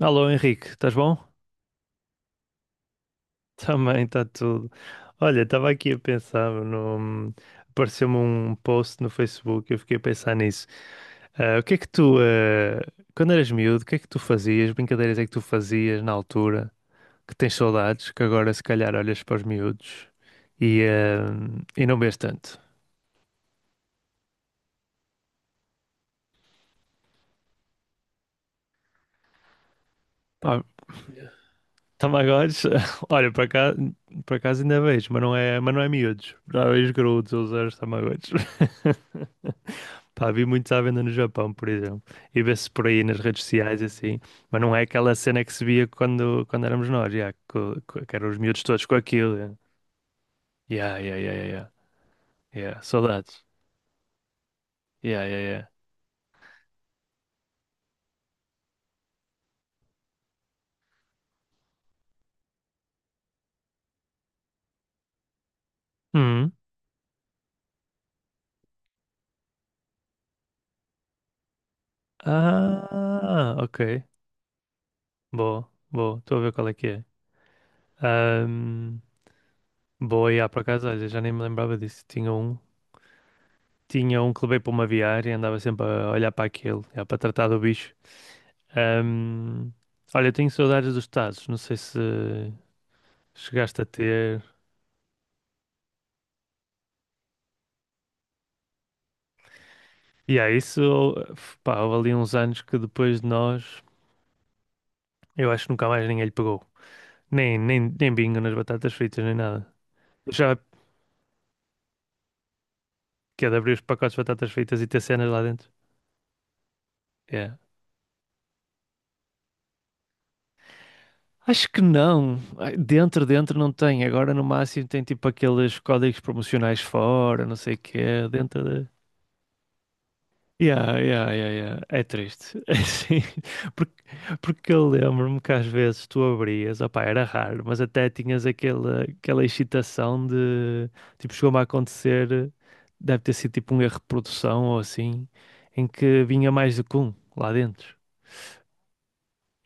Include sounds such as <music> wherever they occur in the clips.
Alô Henrique, estás bom? <laughs> Também está tudo. Olha, estava aqui a pensar no. Apareceu-me um post no Facebook e eu fiquei a pensar nisso. O que é que tu quando eras miúdo, o que é que tu fazias? Brincadeiras é que tu fazias na altura? Que tens saudades, que agora se calhar olhas para os miúdos e e não vês tanto. Pá, Tamagotchis, <laughs> olha, para cá, por acaso ainda vejo, mas não é miúdos. Já vejo graúdos a usar os Tamagotchis. <laughs> Pá, vi muitos à venda no Japão, por exemplo, e vê-se por aí nas redes sociais e assim, mas não é aquela cena que se via quando éramos nós, já que eram os miúdos todos com aquilo. Já, yeah, yeah, yeah, yeah, yeah, yeah, saudades. Yeah, yeah, yeah. Hum. Ah, ok. Boa, boa. Estou a ver qual é que é. Ahm, boa, yeah, por acaso, olha, já nem me lembrava disso. Tinha um que levei para uma viária e andava sempre a olhar para aquilo, yeah, para tratar do bicho. Ahm, olha, tenho saudades dos Tazos, não sei se chegaste a ter. E há isso, pá, houve ali uns anos que depois de nós, eu acho que nunca mais ninguém lhe pegou. Nem bingo nas batatas fritas, nem nada. Já que é de abrir os pacotes de batatas fritas e ter cenas lá dentro? É. Acho que não. Ai, dentro não tem. Agora no máximo tem tipo aqueles códigos promocionais fora, não sei o quê. Dentro da. Yeah, yeah, yeah, yeah. É triste. <laughs> É assim, porque, porque eu lembro-me que às vezes tu abrias, opá, era raro, mas até tinhas aquela excitação de, tipo, chegou-me a acontecer, deve ter sido tipo um erro de produção ou assim, em que vinha mais do que um lá dentro.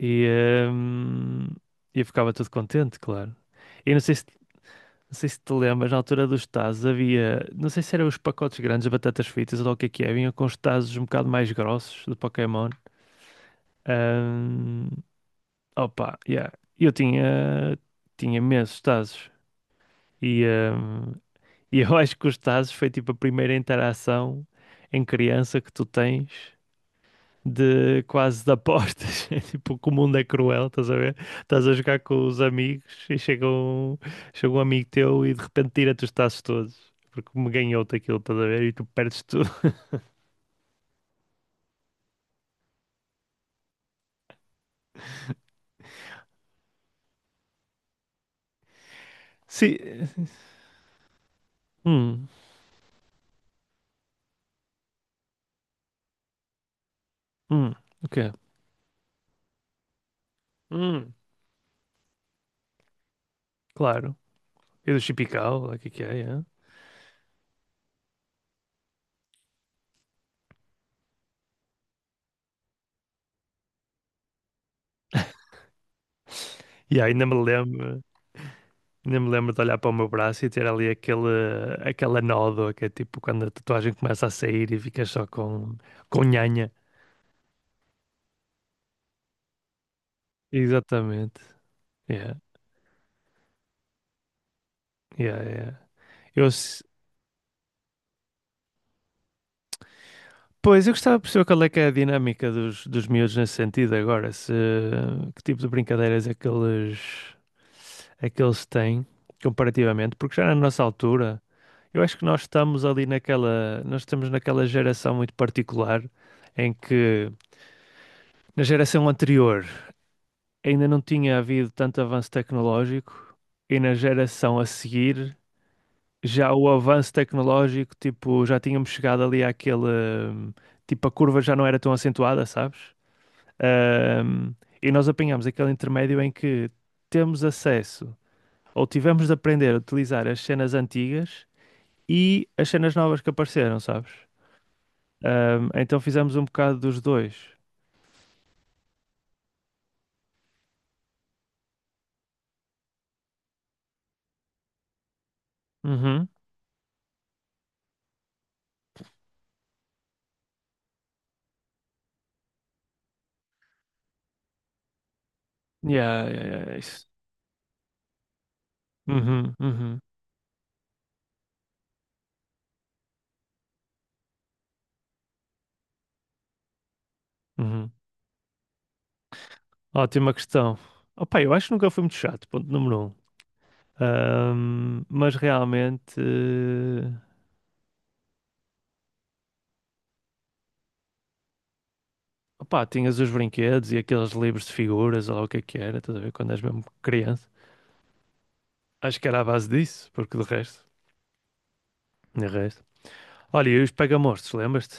E, hum, e eu ficava todo contente, claro. E não sei se, não sei se te lembras, na altura dos tazos havia, não sei se eram os pacotes grandes de batatas fritas ou lá o que é, vinha com os tazos um bocado mais grossos de Pokémon. Ahm, opa, yeah. Eu tinha, Tinha imensos tazos. E, ahm, e eu <laughs> acho que os tazos foi tipo a primeira interação em criança que tu tens de quase de apostas. <laughs> É tipo que o mundo é cruel, estás a ver? Estás a jogar com os amigos e chega um amigo teu e de repente tira-te os tazos todos. Porque me ganhou-te aquilo, estás a ver? E tu perdes tudo. <laughs> Sim. Hum, hum, o quê? Hum, claro. E do Chipical, o que é que é? É? E ainda me lembro de olhar para o meu braço e ter ali aquela nódoa que é tipo quando a tatuagem começa a sair e ficas só com nhanha. Exatamente. Yeah, yeah, yeah. Eu, s- pois, eu gostava de perceber qual é que é a dinâmica dos miúdos nesse sentido agora. Se, que tipo de brincadeiras é que é que eles têm comparativamente, porque já na nossa altura, eu acho que nós estamos ali naquela, nós estamos naquela geração muito particular em que na geração anterior ainda não tinha havido tanto avanço tecnológico e na geração a seguir já o avanço tecnológico, tipo, já tínhamos chegado ali àquele, hum, tipo, a curva já não era tão acentuada, sabes? Hum, e nós apanhamos aquele intermédio em que temos acesso ou tivemos de aprender a utilizar as cenas antigas e as cenas novas que apareceram, sabes? Então fizemos um bocado dos dois. Uhum. Yeah, yeah, yeah, isso. Uhum, uhum, uhum. Ótima questão. Opa, eu acho que nunca fui muito chato, ponto número um. Ahm, mas realmente, eh, opa, tinhas os brinquedos e aqueles livros de figuras, ou lá o que é que era, estás a ver, quando és mesmo criança. Acho que era à base disso, porque de resto, de resto. Olha, e os pega-monstros, lembras-te?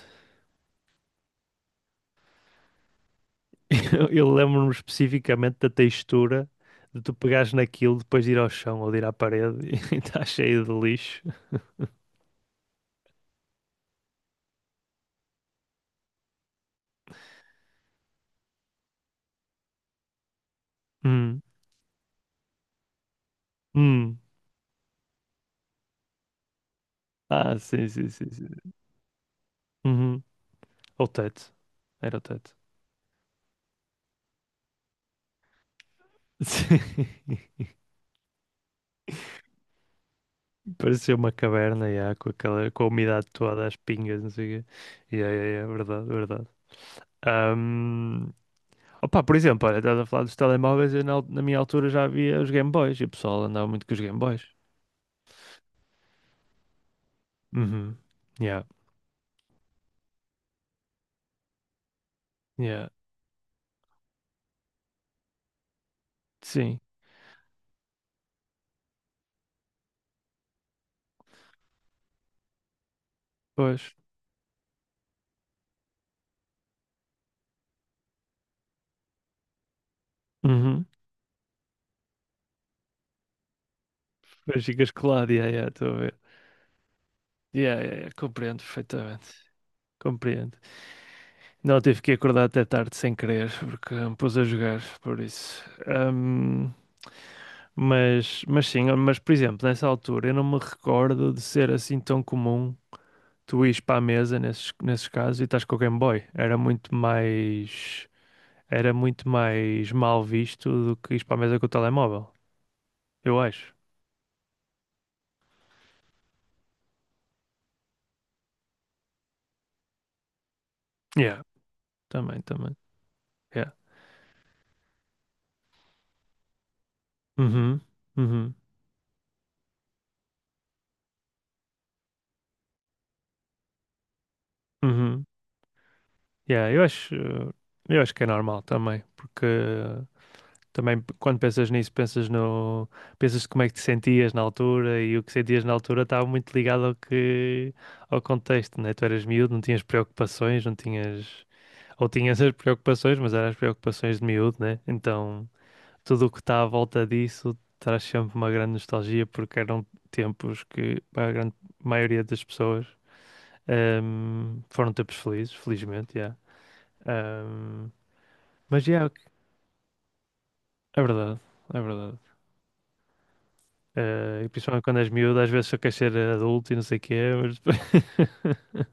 <laughs> Eu lembro-me especificamente da textura de tu pegares naquilo depois de ir ao chão ou de ir à parede <laughs> e está cheio de lixo. Hum, hum. Ah, sim, sim, sim, sim. Uhum. Ou teto. Era o teto. Sim. <laughs> Parecia uma caverna, já, com aquela, com a umidade toda, as pingas, não sei o quê. Yeah, yeah, yeah, verdade, verdade. Ahm, Opa, por exemplo, olha, estás a falar dos telemóveis, eu na minha altura já havia os Game Boys e o pessoal andava muito com os Game Boys. Uhum. Yeah, yeah. Sim, pois. Uhum. Pois ficas colado, yeah, yeah, estou a ver. Yeah, yeah, yeah, compreendo perfeitamente. Compreendo. Não, tive que acordar até tarde sem querer, porque me pus a jogar, por isso. Mas sim, mas por exemplo, nessa altura eu não me recordo de ser assim tão comum tu ires para a mesa nesses casos e estás com o Game Boy. Era muito mais mal visto do que ires para a mesa com o telemóvel, eu acho. Yeah, também, também. Yeah. Uhum, uhum, uhum. Yeah, eu acho, eu acho que é normal também, porque quando pensas nisso, pensas no, pensas como é que te sentias na altura e o que sentias na altura estava muito ligado ao que, ao contexto, né? Tu eras miúdo, não tinhas preocupações, não tinhas, ou tinhas as preocupações, mas eram as preocupações de miúdo, né? Então, tudo o que está à volta disso traz sempre uma grande nostalgia porque eram tempos que para a grande maioria das pessoas foram tempos felizes, felizmente, yeah. Ehm, mas yeah, é verdade, é verdade. Eh, principalmente quando és miúdo, às vezes só queres ser adulto e não sei o quê, mas. <laughs>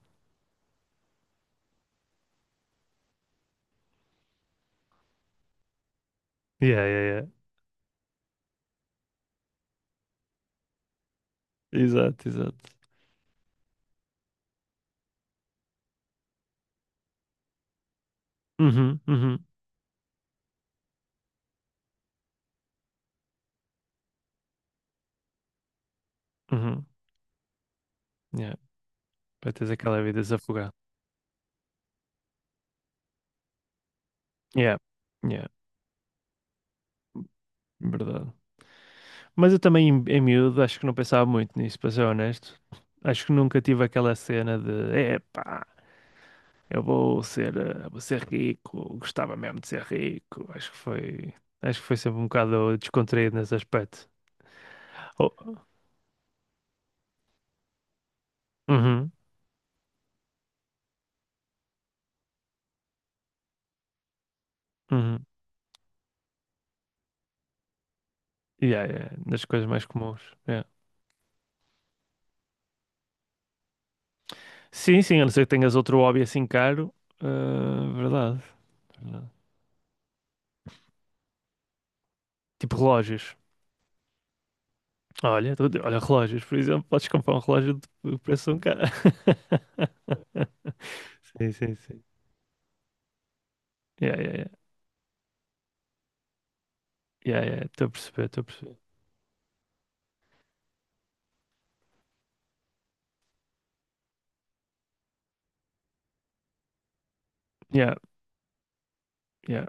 Yeah, yeah, yeah. Exato, exato. Uhum, uhum, uhum. Yeah. Para teres aquela vida desafogada. Yeah, yeah, verdade. Mas eu também, em miúdo, acho que não pensava muito nisso, para ser honesto. Acho que nunca tive aquela cena de, epá, eu vou ser, eh, vou ser rico, gostava mesmo de ser rico. Acho que foi sempre um bocado descontraído nesse aspecto. Oh, uhum, uhum. Yeah, yeah, das coisas mais comuns. Yeah. Sim, sim, a não ser que tenhas outro hobby assim caro. Ah, verdade, verdade. Tipo relógios. Olha, olha, relógios, por exemplo, podes comprar um relógio de preço de um cara. <laughs> Sim, sim, sim. Yeah, yeah, yeah. Yeah, yeah, estou a perceber, estou a perceber. Yeah, yeah.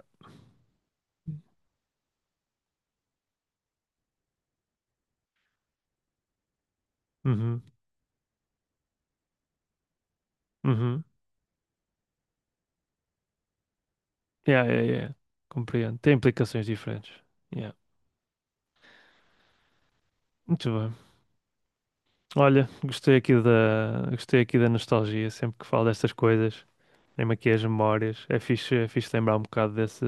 Uhum, uhum. Yeah, yeah, yeah. Compreendo. Tem implicações diferentes. Yeah. Muito bem. Olha, gostei aqui da nostalgia, sempre que falo destas coisas. Lembro aqui as memórias. É fixe lembrar um bocado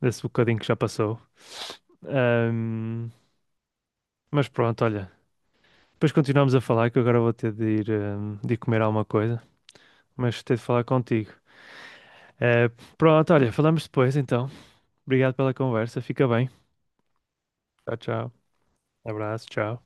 desse bocadinho que já passou. Ahm, mas pronto, olha. Depois continuamos a falar, que eu agora vou ter de ir comer alguma coisa. Mas gostei de falar contigo. Eh, pronto, olha, falamos depois então. Obrigado pela conversa. Fica bem. Tchau, tchau. Abraço, tchau.